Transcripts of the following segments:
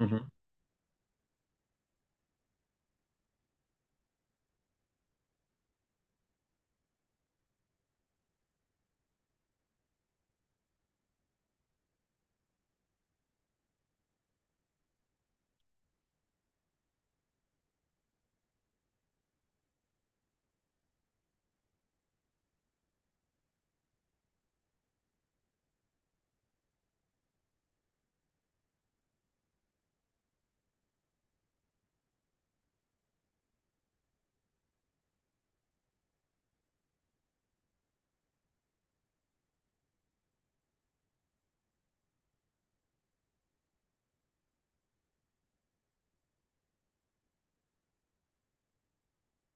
Hı hı.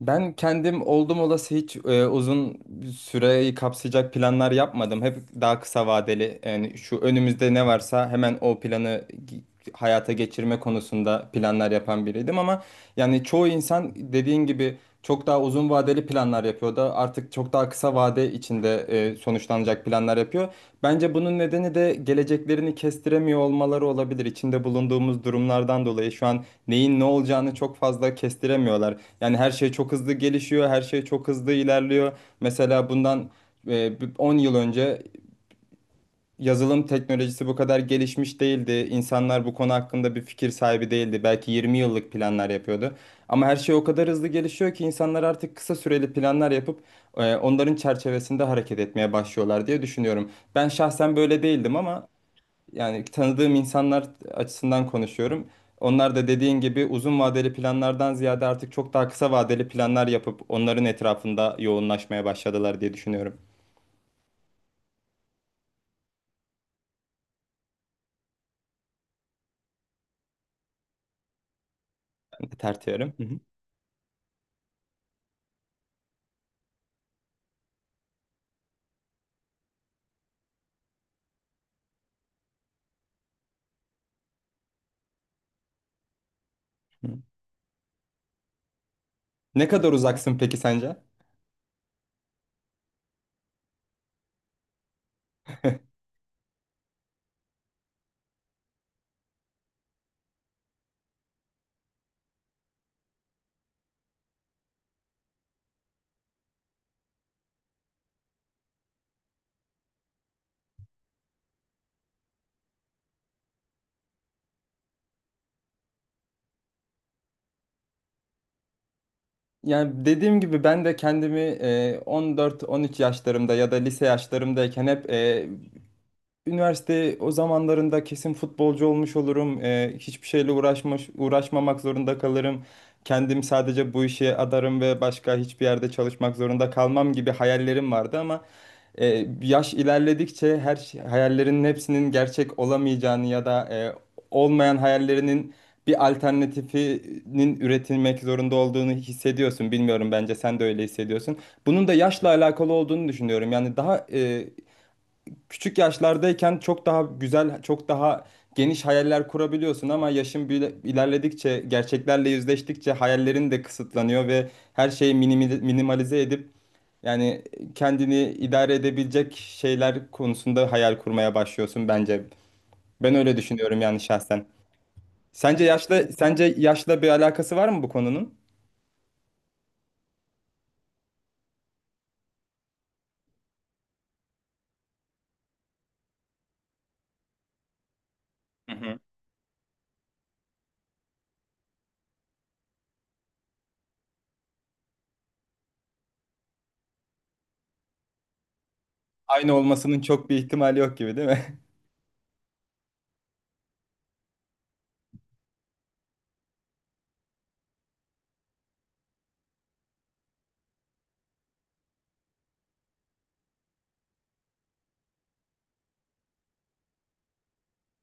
Ben kendim oldum olası hiç uzun süreyi kapsayacak planlar yapmadım. Hep daha kısa vadeli, yani şu önümüzde ne varsa hemen o hayata geçirme konusunda planlar yapan biriydim. Ama yani çoğu insan dediğin gibi çok daha uzun vadeli planlar yapıyor da artık çok daha kısa vade içinde sonuçlanacak planlar yapıyor. Bence bunun nedeni de geleceklerini kestiremiyor olmaları olabilir. İçinde bulunduğumuz durumlardan dolayı şu an neyin ne olacağını çok fazla kestiremiyorlar. Yani her şey çok hızlı gelişiyor, her şey çok hızlı ilerliyor. Mesela bundan bir 10 yıl önce yazılım teknolojisi bu kadar gelişmiş değildi. İnsanlar bu konu hakkında bir fikir sahibi değildi. Belki 20 yıllık planlar yapıyordu. Ama her şey o kadar hızlı gelişiyor ki insanlar artık kısa süreli planlar yapıp onların çerçevesinde hareket etmeye başlıyorlar diye düşünüyorum. Ben şahsen böyle değildim, ama yani tanıdığım insanlar açısından konuşuyorum. Onlar da dediğin gibi uzun vadeli planlardan ziyade artık çok daha kısa vadeli planlar yapıp onların etrafında yoğunlaşmaya başladılar diye düşünüyorum. Tertiyorum. Hı hı. Hı. Ne kadar uzaksın peki sence? Yani dediğim gibi ben de kendimi 14-13 yaşlarımda ya da lise yaşlarımdayken hep üniversite o zamanlarında kesin futbolcu olmuş olurum. Hiçbir şeyle uğraşmamak zorunda kalırım. Kendim sadece bu işe adarım ve başka hiçbir yerde çalışmak zorunda kalmam gibi hayallerim vardı, ama yaş ilerledikçe hayallerinin hepsinin gerçek olamayacağını ya da olmayan hayallerinin bir alternatifinin üretilmek zorunda olduğunu hissediyorsun. Bilmiyorum, bence sen de öyle hissediyorsun. Bunun da yaşla alakalı olduğunu düşünüyorum. Yani daha küçük yaşlardayken çok daha güzel, çok daha geniş hayaller kurabiliyorsun ama ilerledikçe, gerçeklerle yüzleştikçe hayallerin de kısıtlanıyor ve her şeyi minimalize edip yani kendini idare edebilecek şeyler konusunda hayal kurmaya başlıyorsun bence. Ben öyle düşünüyorum yani şahsen. Sence yaşla bir alakası var mı bu konunun? Aynı olmasının çok bir ihtimali yok gibi, değil mi?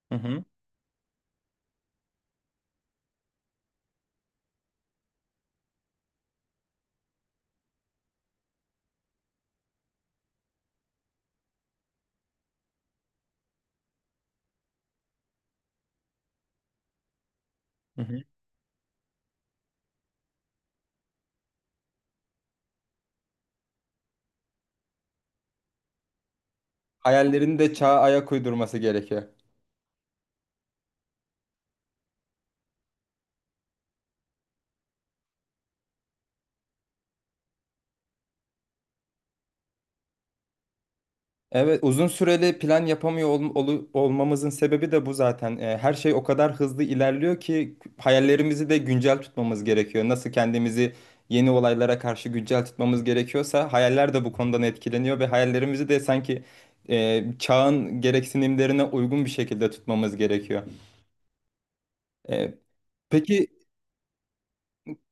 Hı hı. Hı hı. Hayallerin de çağa ayak uydurması gerekiyor. Evet, uzun süreli plan yapamıyor olmamızın sebebi de bu zaten. Her şey o kadar hızlı ilerliyor ki hayallerimizi de güncel tutmamız gerekiyor. Nasıl kendimizi yeni olaylara karşı güncel tutmamız gerekiyorsa hayaller de bu konudan etkileniyor ve hayallerimizi de sanki çağın gereksinimlerine uygun bir şekilde tutmamız gerekiyor. Ee, peki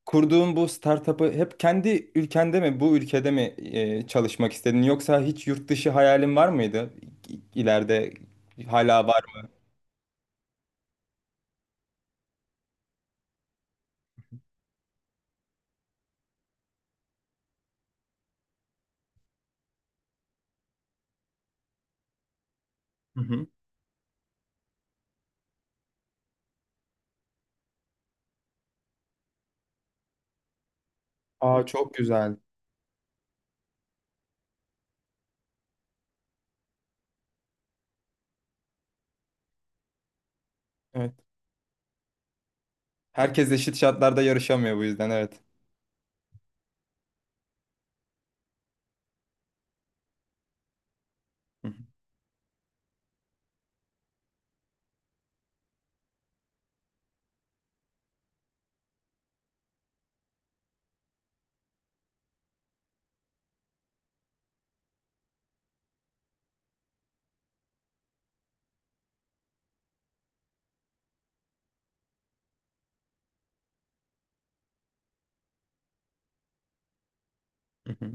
kurduğun bu startup'ı hep kendi ülkende mi, bu ülkede mi çalışmak istedin, yoksa hiç yurt dışı hayalin var mıydı ileride? Hala var. Hı hı. Aa, çok güzel. Evet. Herkes eşit şartlarda yarışamıyor bu yüzden, evet. Hı hı. Hı hı.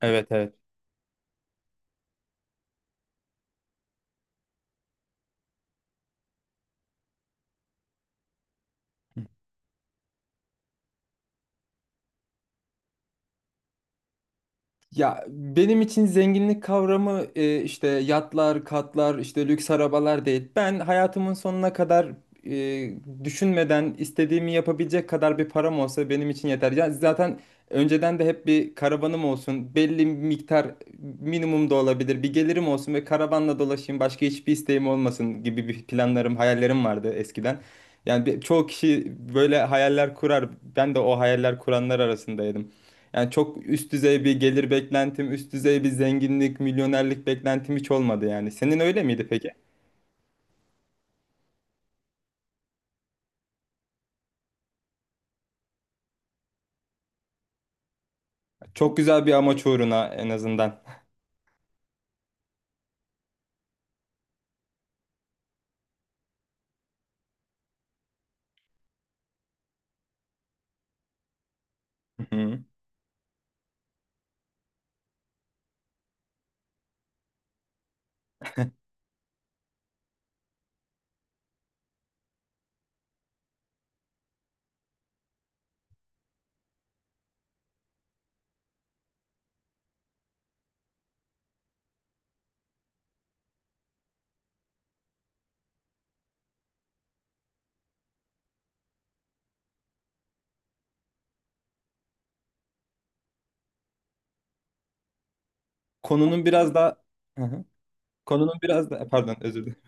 Evet, evet. Ya benim için zenginlik kavramı, işte yatlar, katlar, işte lüks arabalar değil. Ben hayatımın sonuna kadar e, düşünmeden istediğimi yapabilecek kadar bir param olsa benim için yeter. Ya zaten önceden de hep bir karavanım olsun, belli miktar, minimum da olabilir, bir gelirim olsun ve karavanla dolaşayım, başka hiçbir isteğim olmasın gibi bir planlarım, hayallerim vardı eskiden. Çoğu kişi böyle hayaller kurar. Ben de o hayaller kuranlar arasındaydım. Yani çok üst düzey bir gelir beklentim, üst düzey bir zenginlik, milyonerlik beklentim hiç olmadı yani. Senin öyle miydi peki? Çok güzel bir amaç uğruna en azından. Hı hı. Konunun biraz daha… Hı hı. Konunun biraz daha, pardon, özür dilerim.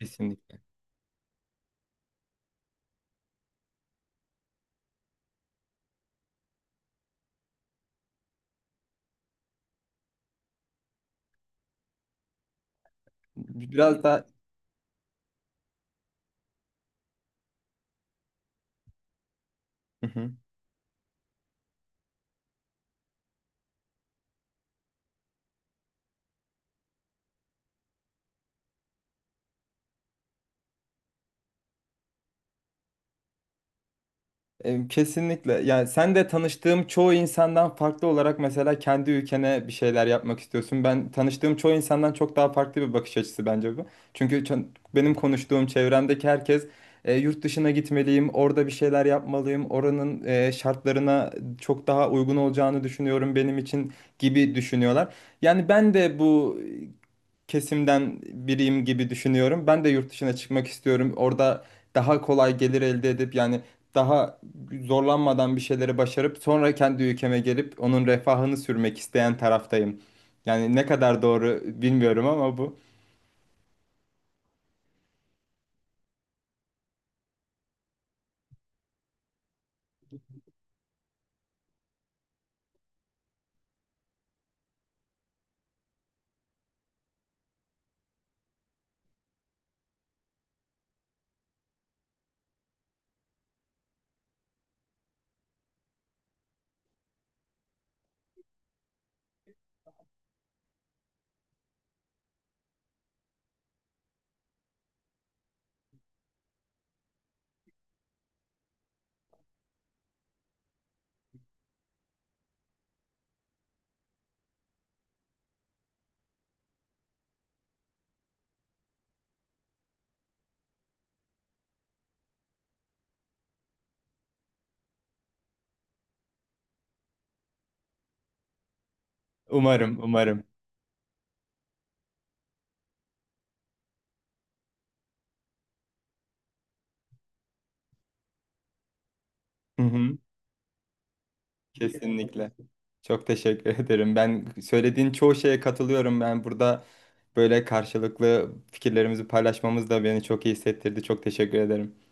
Kesinlikle. Biraz daha… Hı hı. E, kesinlikle. Yani sen de tanıştığım çoğu insandan farklı olarak mesela kendi ülkene bir şeyler yapmak istiyorsun. Ben tanıştığım çoğu insandan çok daha farklı bir bakış açısı bence bu. Çünkü ço- Benim konuştuğum çevremdeki herkes yurt dışına gitmeliyim, orada bir şeyler yapmalıyım, oranın şartlarına çok daha uygun olacağını düşünüyorum benim için gibi düşünüyorlar. Yani ben de bu kesimden biriyim gibi düşünüyorum. Ben de yurt dışına çıkmak istiyorum. Orada daha kolay gelir elde edip, yani daha zorlanmadan bir şeyleri başarıp sonra kendi ülkeme gelip onun refahını sürmek isteyen taraftayım. Yani ne kadar doğru bilmiyorum ama bu, umarım, umarım. Hı hı, kesinlikle. Çok teşekkür ederim. Ben söylediğin çoğu şeye katılıyorum. Ben burada böyle karşılıklı fikirlerimizi paylaşmamız da beni çok iyi hissettirdi. Çok teşekkür ederim.